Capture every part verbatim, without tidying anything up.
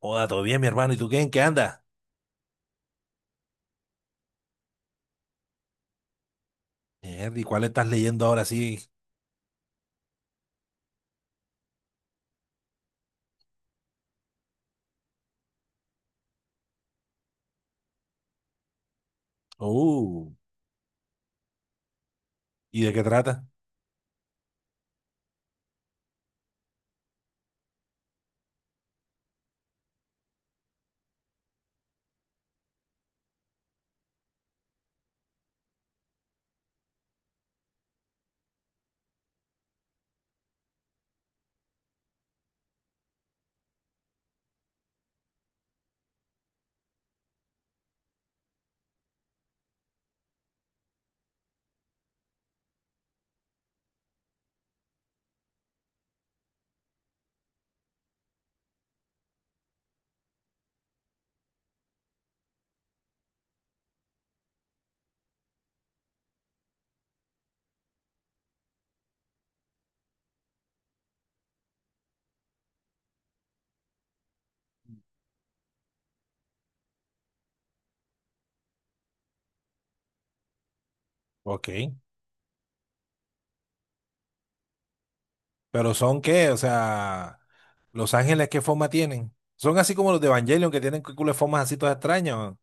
Hola, ¿todo bien, mi hermano? ¿Y tú qué? ¿En qué anda? ¿Y cuál estás leyendo ahora sí? Uh, ¿Y de qué trata? Ok. ¿Pero son qué? O sea, ¿los Ángeles qué forma tienen? ¿Son así como los de Evangelion que tienen culo de formas así todas extrañas?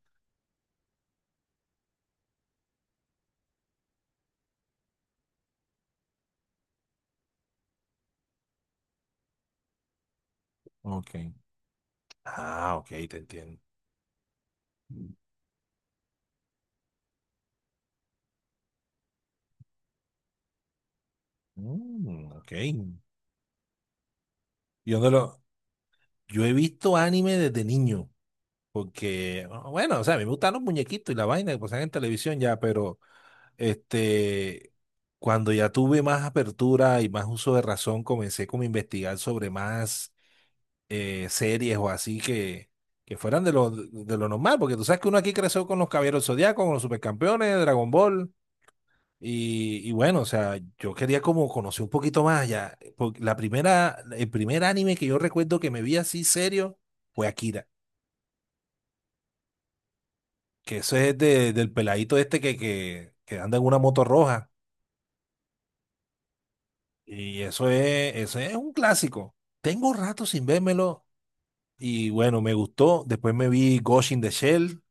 Ok. Ah, ok, te entiendo. Mm, ok. Yo no lo... Yo he visto anime desde niño, porque, bueno, o sea, a mí me gustan los muñequitos y la vaina que pasan en televisión ya, pero... Este, Cuando ya tuve más apertura y más uso de razón, comencé como a investigar sobre más eh, series o así que, que fueran de lo, de lo normal, porque tú sabes que uno aquí creció con los Caballeros Zodiacos, con los Supercampeones, Dragon Ball, y, y bueno, o sea, yo quería como conocer un poquito más ya, porque la primera, el primer anime que yo recuerdo que me vi así serio fue Akira, que eso es de- del peladito este que, que, que anda en una moto roja. Y eso es, eso es un clásico. Tengo rato sin vérmelo y bueno, me gustó. Después me vi Ghost in the Shell,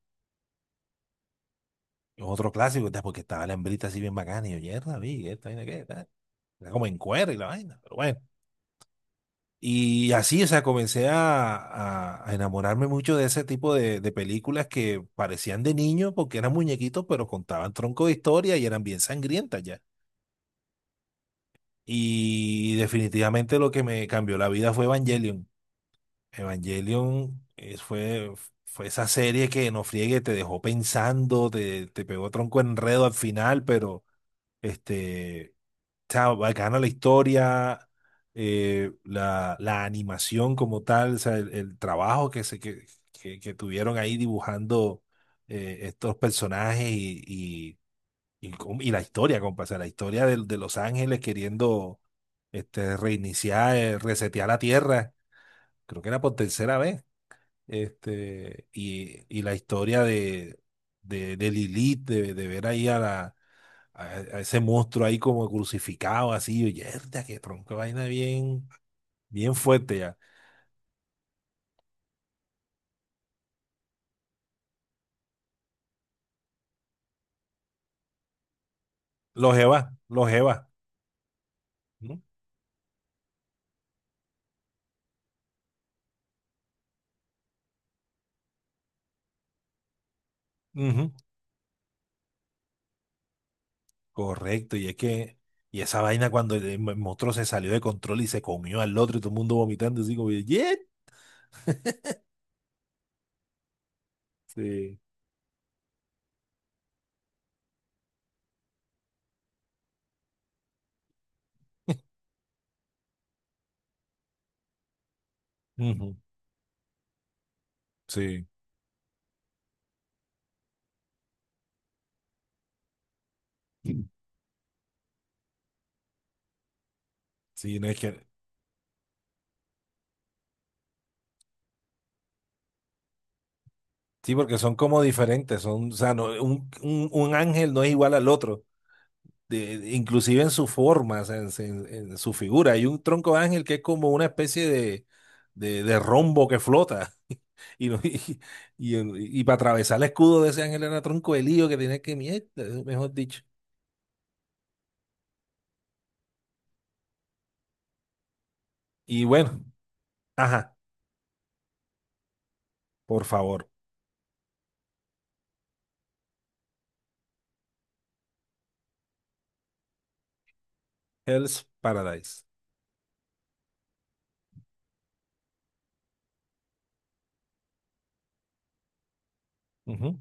otro clásico, entonces, porque estaba la hembrita así bien bacana y yo, mierda, vi, esta vaina qué, tal. Era como en cuero y la vaina, pero bueno. Y así, o sea, comencé a, a- a enamorarme mucho de ese tipo de, de películas que parecían de niño porque eran muñequitos, pero contaban tronco de historia y eran bien sangrientas ya. Y definitivamente lo que me cambió la vida fue Evangelion. Evangelion es- fue, fue esa serie que no friegue, te dejó pensando, te, te pegó tronco enredo al final, pero este, o sea, bacana la historia, eh, la, la animación como tal, o sea, el, el trabajo que, se, que, que, que tuvieron ahí dibujando eh, estos personajes y, y, y, cómo- y la historia, compa, o sea, la historia de, de los Ángeles queriendo este, reiniciar, eh, resetear la Tierra, creo que era por tercera vez. Este, y, y la historia de, de, de Lilith, de, de ver ahí a, la, a, a ese monstruo ahí como crucificado, así, y yerda, qué tronco, vaina bien, bien fuerte ya. Los Eva, los Eva. ¿No? Ujú. Correcto, y es que, y esa vaina cuando el, el monstruo se salió de control y se comió al otro y todo el mundo vomitando, así como, ¡yet! Sí. Ujú. Sí. Sí, no es que, sí, porque son como diferentes, son, o sea, no, un, un, un ángel no es igual al otro, de- inclusive en su forma, o sea, en, en- en su figura. Hay un tronco de ángel que es como una especie de, de, de rombo que flota. Y, no- y, y, y para atravesar el escudo de ese ángel era tronco de lío que tenía que mierda, mejor dicho. Y bueno, ajá, por favor, Hell's Paradise. Ujú.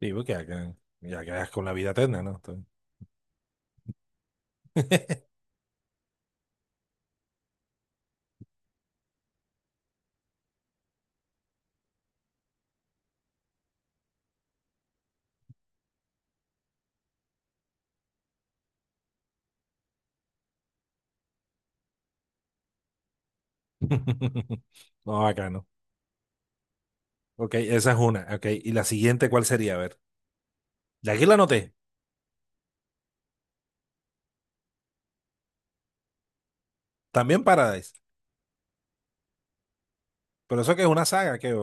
Sí, porque acá, ya quedas con la vida eterna, ¿no? Entonces- No, acá no. Ok, esa es una. Ok, y la siguiente, ¿cuál sería? A ver, de aquí la anoté. También Paradise. Pero eso que es una saga, que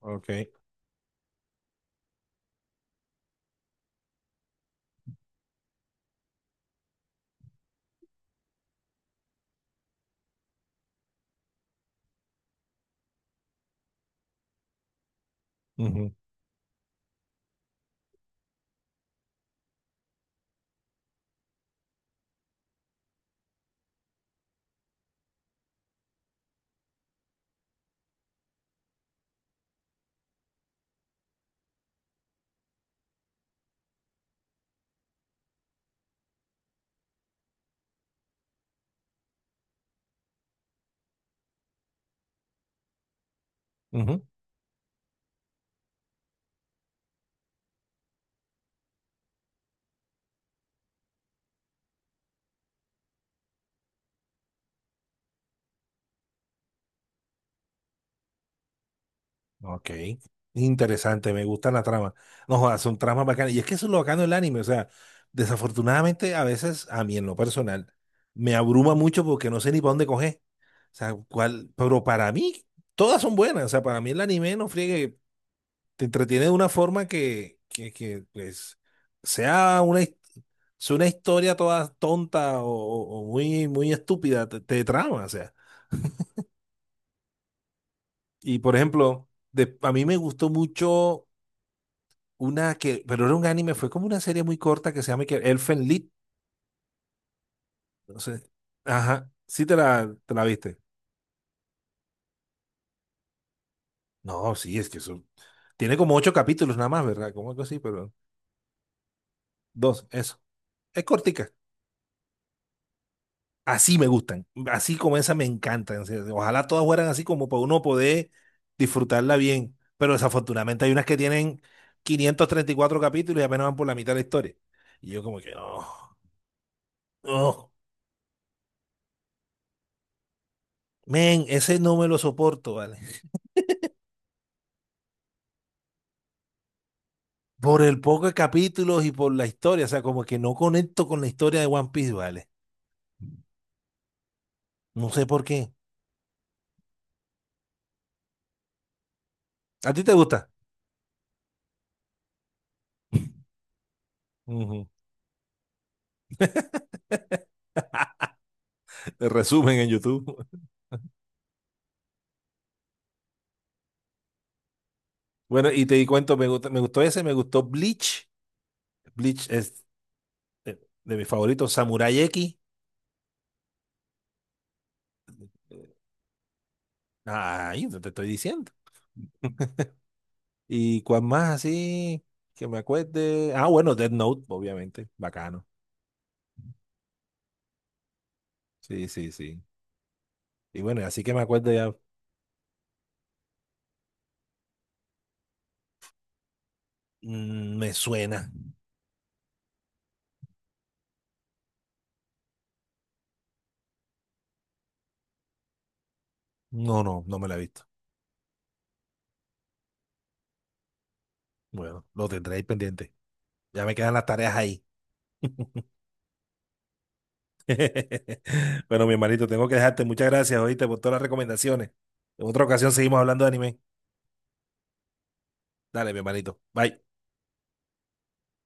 Ok. Ujú, ujú. Ok. Interesante, me gusta la trama. No jodas, son tramas bacanas. Y es que eso es lo bacano del anime. O sea, desafortunadamente, a veces, a mí en lo personal, me abruma mucho porque no sé ni para dónde coger. O sea, cuál, pero para mí, todas son buenas. O sea, para mí el anime no friegue, te entretiene de una forma que, que, que pues, sea una, his- sea una historia toda tonta o, o- o muy, muy estúpida, te, te trama. O sea. Y por ejemplo, de- a mí me gustó mucho una que, pero era un anime, fue como una serie muy corta que se llama que Elfen Lied. No sé. Ajá. Sí te la, te la viste. No, sí, es que eso. Tiene como ocho capítulos nada más, ¿verdad? Como algo así, pero dos, eso. Es cortica. Así me gustan. Así como esa me encantan. O sea, ojalá todas fueran así como para uno poder disfrutarla bien. Pero desafortunadamente hay unas que tienen quinientos treinta y cuatro capítulos y apenas van por la mitad de la historia. Y yo como que no. No. Men, ese no me lo soporto, ¿vale? Por el poco de capítulos y por la historia, o sea, como que no conecto con la historia de One Piece, ¿vale? No sé por qué. ¿A ti te gusta? Ujú. El Resumen en YouTube. Bueno, y te di cuento, me gusta- me gustó ese, me gustó Bleach. Bleach es eh, de mis favoritos, Samurai X. Ay, no te estoy diciendo. ¿Y cuál más así que me acuerde? Ah, bueno, Death Note, obviamente. Bacano. Sí, sí, sí. Y bueno, así que me acuerdo ya, mm, me suena. No, no, no me la he visto. Bueno, lo tendré ahí pendiente. Ya me quedan las tareas ahí. Bueno, mi hermanito, tengo que dejarte. Muchas gracias, oíste, por todas las recomendaciones. En otra ocasión seguimos hablando de anime. Dale, mi hermanito. Bye.